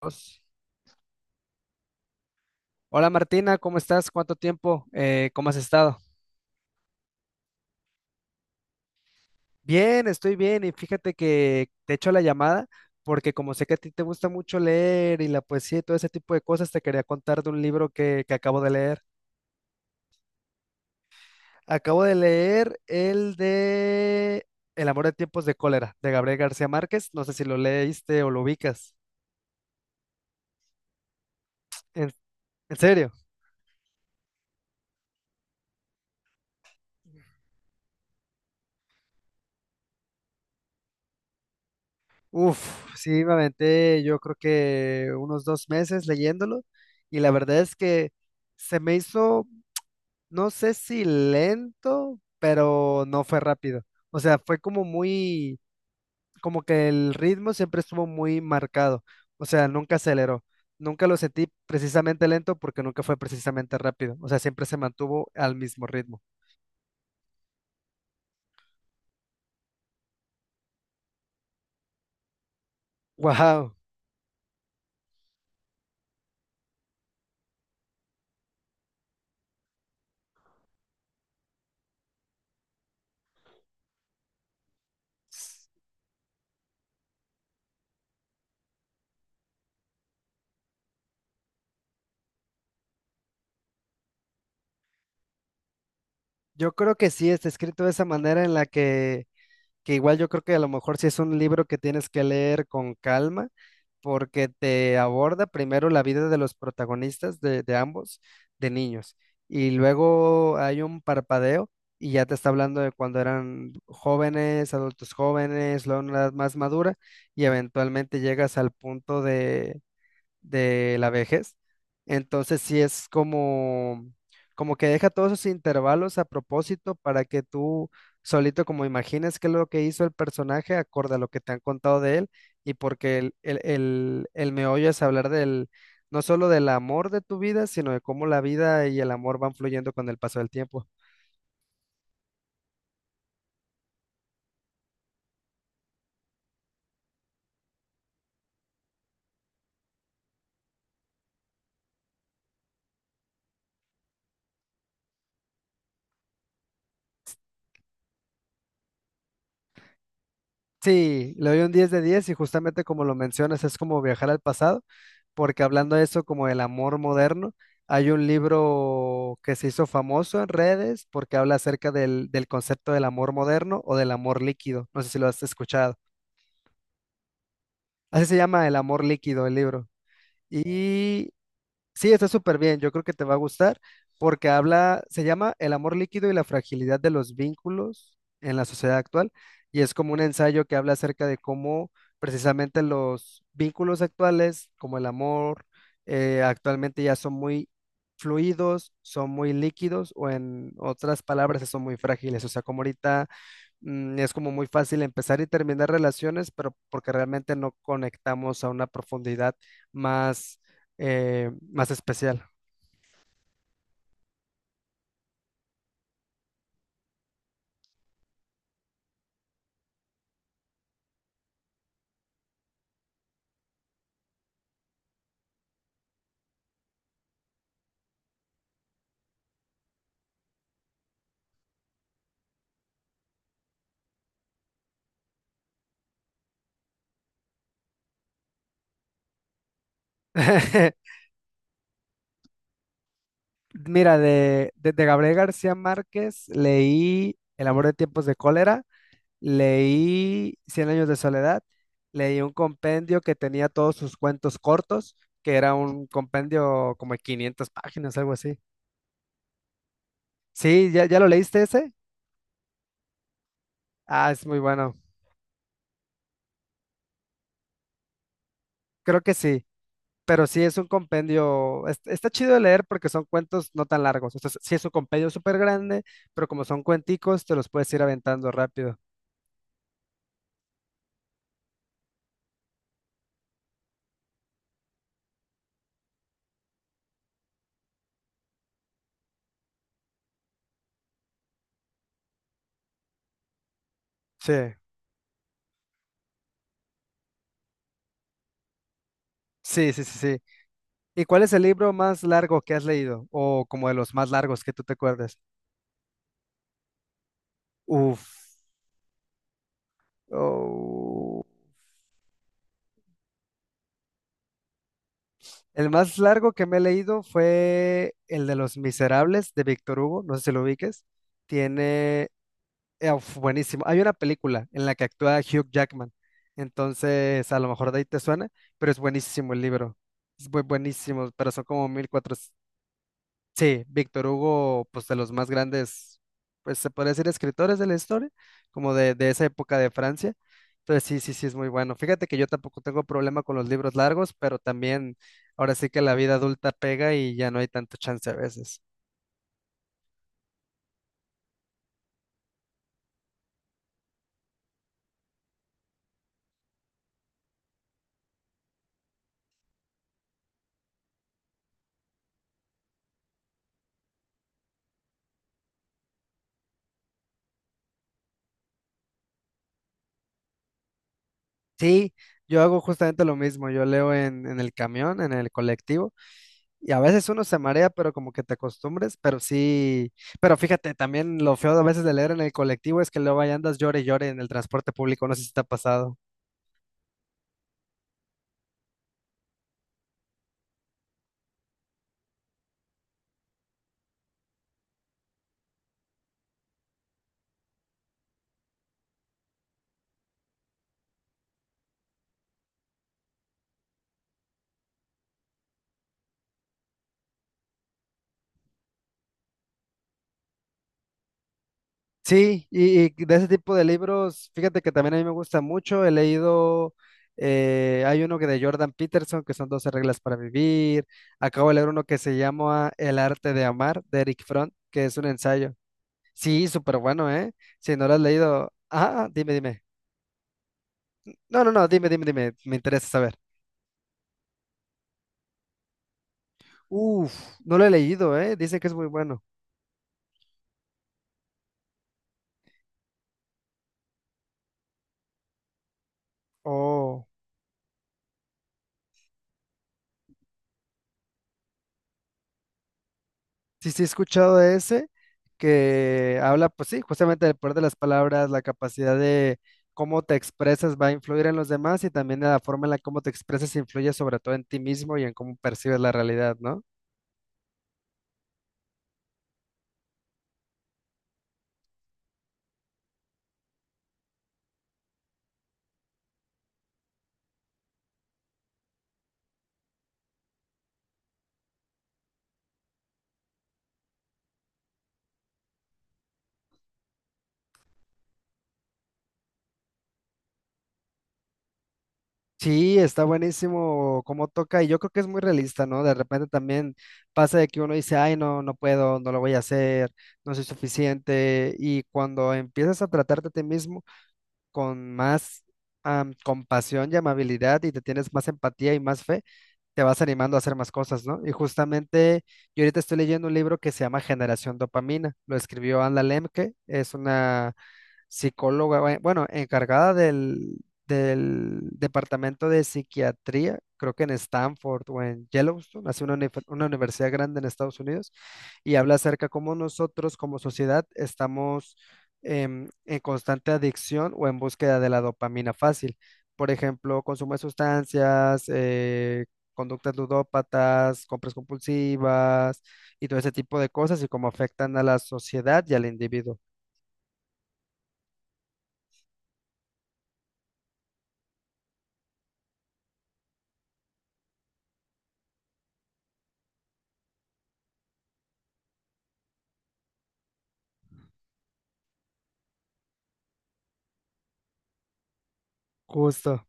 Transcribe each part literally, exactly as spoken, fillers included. Dios. Hola Martina, ¿cómo estás? ¿Cuánto tiempo? Eh, ¿cómo has estado? Bien, estoy bien y fíjate que te echo la llamada porque como sé que a ti te gusta mucho leer y la poesía y todo ese tipo de cosas, te quería contar de un libro que, que acabo de leer. Acabo de leer el de El amor en tiempos de cólera de Gabriel García Márquez. No sé si lo leíste o lo ubicas. ¿En, ¿en serio? Uf, sí, me aventé yo creo que unos dos meses leyéndolo y la verdad es que se me hizo no sé si lento, pero no fue rápido. O sea, fue como muy, como que el ritmo siempre estuvo muy marcado. O sea, nunca aceleró. Nunca lo sentí precisamente lento porque nunca fue precisamente rápido. O sea, siempre se mantuvo al mismo ritmo. Wow. Yo creo que sí está escrito de esa manera en la que que igual yo creo que a lo mejor sí es un libro que tienes que leer con calma, porque te aborda primero la vida de los protagonistas de, de ambos, de niños, y luego hay un parpadeo y ya te está hablando de cuando eran jóvenes, adultos jóvenes, luego una edad más madura, y eventualmente llegas al punto de de la vejez. Entonces sí es como, como que deja todos esos intervalos a propósito para que tú solito como imagines qué es lo que hizo el personaje acorde a lo que te han contado de él y porque el, el, el, el meollo es hablar del, no solo del amor de tu vida, sino de cómo la vida y el amor van fluyendo con el paso del tiempo. Sí, le doy un diez de diez y justamente como lo mencionas, es como viajar al pasado, porque hablando de eso como el amor moderno, hay un libro que se hizo famoso en redes porque habla acerca del, del concepto del amor moderno o del amor líquido, no sé si lo has escuchado. Así se llama El amor líquido, el libro. Y sí, está súper bien. Yo creo que te va a gustar porque habla, se llama El amor líquido y la fragilidad de los vínculos en la sociedad actual y es como un ensayo que habla acerca de cómo precisamente los vínculos actuales, como el amor, eh, actualmente ya son muy fluidos, son muy líquidos o en otras palabras son muy frágiles. O sea, como ahorita mm, es como muy fácil empezar y terminar relaciones, pero porque realmente no conectamos a una profundidad más, eh, más especial. Mira, de, de, de Gabriel García Márquez leí El amor de tiempos de cólera, leí Cien años de soledad, leí un compendio que tenía todos sus cuentos cortos, que era un compendio como de 500 páginas, algo así. Sí, ¿ya, ¿ya lo leíste ese? Ah, es muy bueno. Creo que sí. Pero sí es un compendio, es- está chido de leer porque son cuentos no tan largos. O sea, sí es un compendio súper grande, pero como son cuenticos, te los puedes ir aventando rápido. Sí, sí, sí, sí, sí. ¿Y cuál es el libro más largo que has leído? O como de los más largos que tú te acuerdes. Uf. Oh. El más largo que me he leído fue el de Los Miserables de Víctor Hugo, no sé si lo ubiques. Tiene Eh, uf, buenísimo. Hay una película en la que actúa Hugh Jackman. Entonces, a lo mejor de ahí te suena, pero es buenísimo el libro. Es muy buenísimo, pero son como mil cuatrocientas. Sí, Víctor Hugo, pues de los más grandes, pues se podría decir escritores de la historia, como de, de esa época de Francia. Entonces, sí, sí, sí, es muy bueno. Fíjate que yo tampoco tengo problema con los libros largos, pero también ahora sí que la vida adulta pega y ya no hay tanto chance a veces. Sí, yo hago justamente lo mismo. Yo leo en, en el camión, en el colectivo. Y a veces uno se marea, pero como que te acostumbres, pero sí, pero fíjate, también lo feo a veces de leer en el colectivo es que luego ahí andas llore y llore en el transporte público, no sé si te ha pasado. Sí, y, y de ese tipo de libros, fíjate que también a mí me gusta mucho, he leído, eh, hay uno que de Jordan Peterson, que son doce reglas para vivir, acabo de leer uno que se llama El arte de amar, de Eric Fromm, que es un ensayo. Sí, súper bueno, ¿eh? Si no lo has leído, ah, ah, dime, dime. No, no, no, dime, dime, dime, me interesa saber. Uf, no lo he leído, ¿eh? Dice que es muy bueno. Oh, sí, sí, he escuchado de ese que habla, pues sí, justamente del poder de las palabras, la capacidad de cómo te expresas va a influir en los demás y también de la forma en la cómo te expresas influye sobre todo en ti mismo y en cómo percibes la realidad, ¿no? Sí, está buenísimo cómo toca y yo creo que es muy realista, ¿no? De repente también pasa de que uno dice, ay, no, no puedo, no lo voy a hacer, no soy suficiente y cuando empiezas a tratarte a ti mismo con más am, compasión y amabilidad y te tienes más empatía y más fe, te vas animando a hacer más cosas, ¿no? Y justamente yo ahorita estoy leyendo un libro que se llama Generación Dopamina, lo escribió Anna Lemke, es una psicóloga, bueno, bueno, encargada del, del departamento de psiquiatría, creo que en Stanford o en Yellowstone, hace una, uni- una universidad grande en Estados Unidos, y habla acerca cómo nosotros como sociedad estamos em, en constante adicción o en búsqueda de la dopamina fácil. Por ejemplo, consumo de sustancias, eh, conductas ludópatas, compras compulsivas y todo ese tipo de cosas y cómo afectan a la sociedad y al individuo. Justo.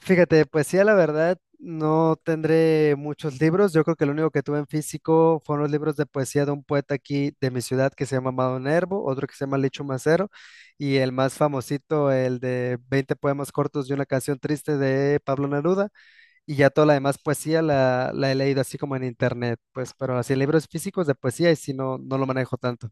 Fíjate, poesía, la verdad, no tendré muchos libros. Yo creo que lo único que tuve en físico fueron los libros de poesía de un poeta aquí de mi ciudad que se llama Amado Nervo, otro que se llama Licho Macero, y el más famosito, el de veinte poemas cortos y una canción triste de Pablo Neruda. Y ya toda la demás poesía la, la he leído así como en internet, pues, pero así libros físicos de poesía y si no, no lo manejo tanto.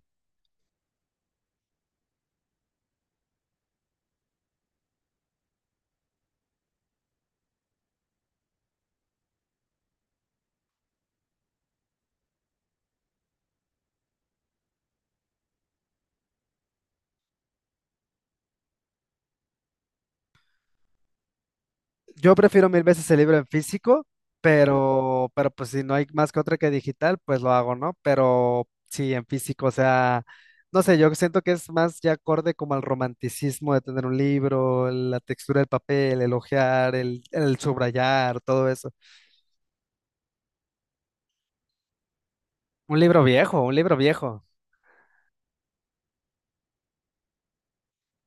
Yo prefiero mil veces el libro en físico, pero, pero pues si no hay más que otra que digital, pues lo hago, ¿no? Pero sí, en físico, o sea, no sé, yo siento que es más ya acorde como al romanticismo de tener un libro, la textura del papel, el ojear, el, el subrayar, todo eso. Un libro viejo, un libro viejo.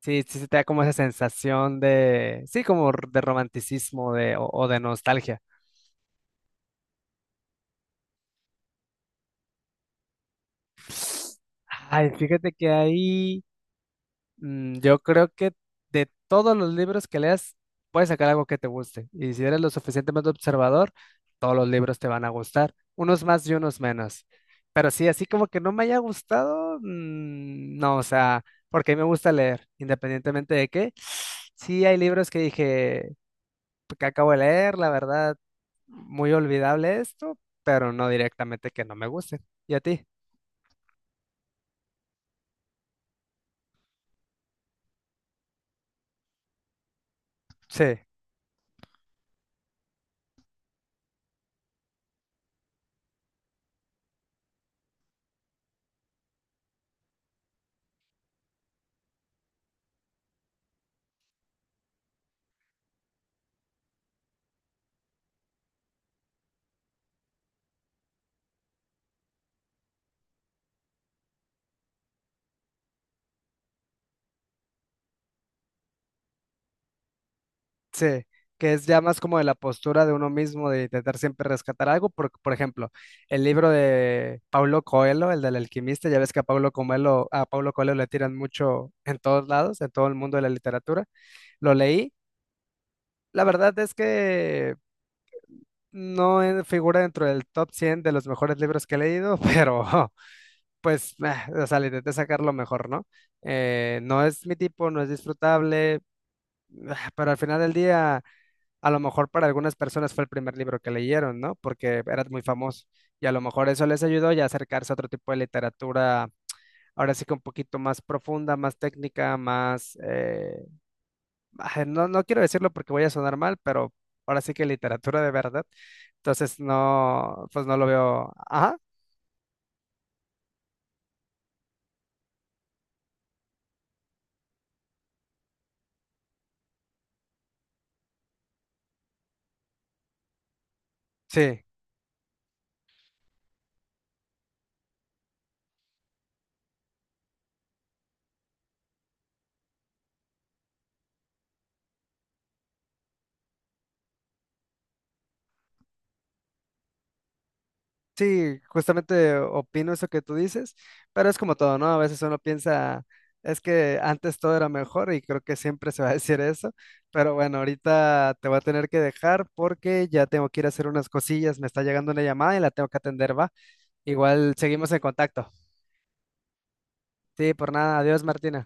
Sí, sí, se te da como esa sensación de, sí, como r- de romanticismo de, o o de nostalgia. Ay, fíjate que ahí... Mm, yo creo que de todos los libros que leas, puedes sacar algo que te guste. Y si eres lo suficientemente observador, todos los libros te van a gustar, unos más y unos menos. Pero sí, así como que no me haya gustado, mm, no, o sea, porque a mí me gusta leer, independientemente de qué. Sí, hay libros que dije pues, que acabo de leer, la verdad, muy olvidable esto, pero no directamente que no me guste. ¿Y a ti? Sí. Sí, que es ya más como de la postura de uno mismo de intentar siempre rescatar algo. Por, por ejemplo, el libro de Paulo Coelho, el del alquimista, ya ves que a Paulo Coelho, a Paulo Coelho le tiran mucho en todos lados, en todo el mundo de la literatura. Lo leí. La verdad es que no en- figura dentro del top cien de los mejores libros que he leído, pero pues, meh, o sea, le intenté sacar lo mejor, ¿no? Eh, no es mi tipo, no es disfrutable, ah, pero al final del día a lo mejor para algunas personas fue el primer libro que leyeron, ¿no? Porque era muy famoso y a lo mejor eso les ayudó ya a acercarse a otro tipo de literatura, ahora sí que un poquito más profunda, más técnica, más, eh, ah, no, no quiero decirlo porque voy a sonar mal, pero ahora sí que literatura de verdad. Entonces no, pues no lo veo. Ajá, sí. Sí, justamente opino eso que tú dices, pero es como todo, ¿no? A veces uno piensa, es que antes todo era mejor y creo que siempre se va a decir eso, pero bueno, ahorita te voy a tener que dejar porque ya tengo que ir a hacer unas cosillas, me está llegando una llamada y la tengo que atender, ¿va? Igual seguimos en contacto. Sí, por nada, adiós, Martina.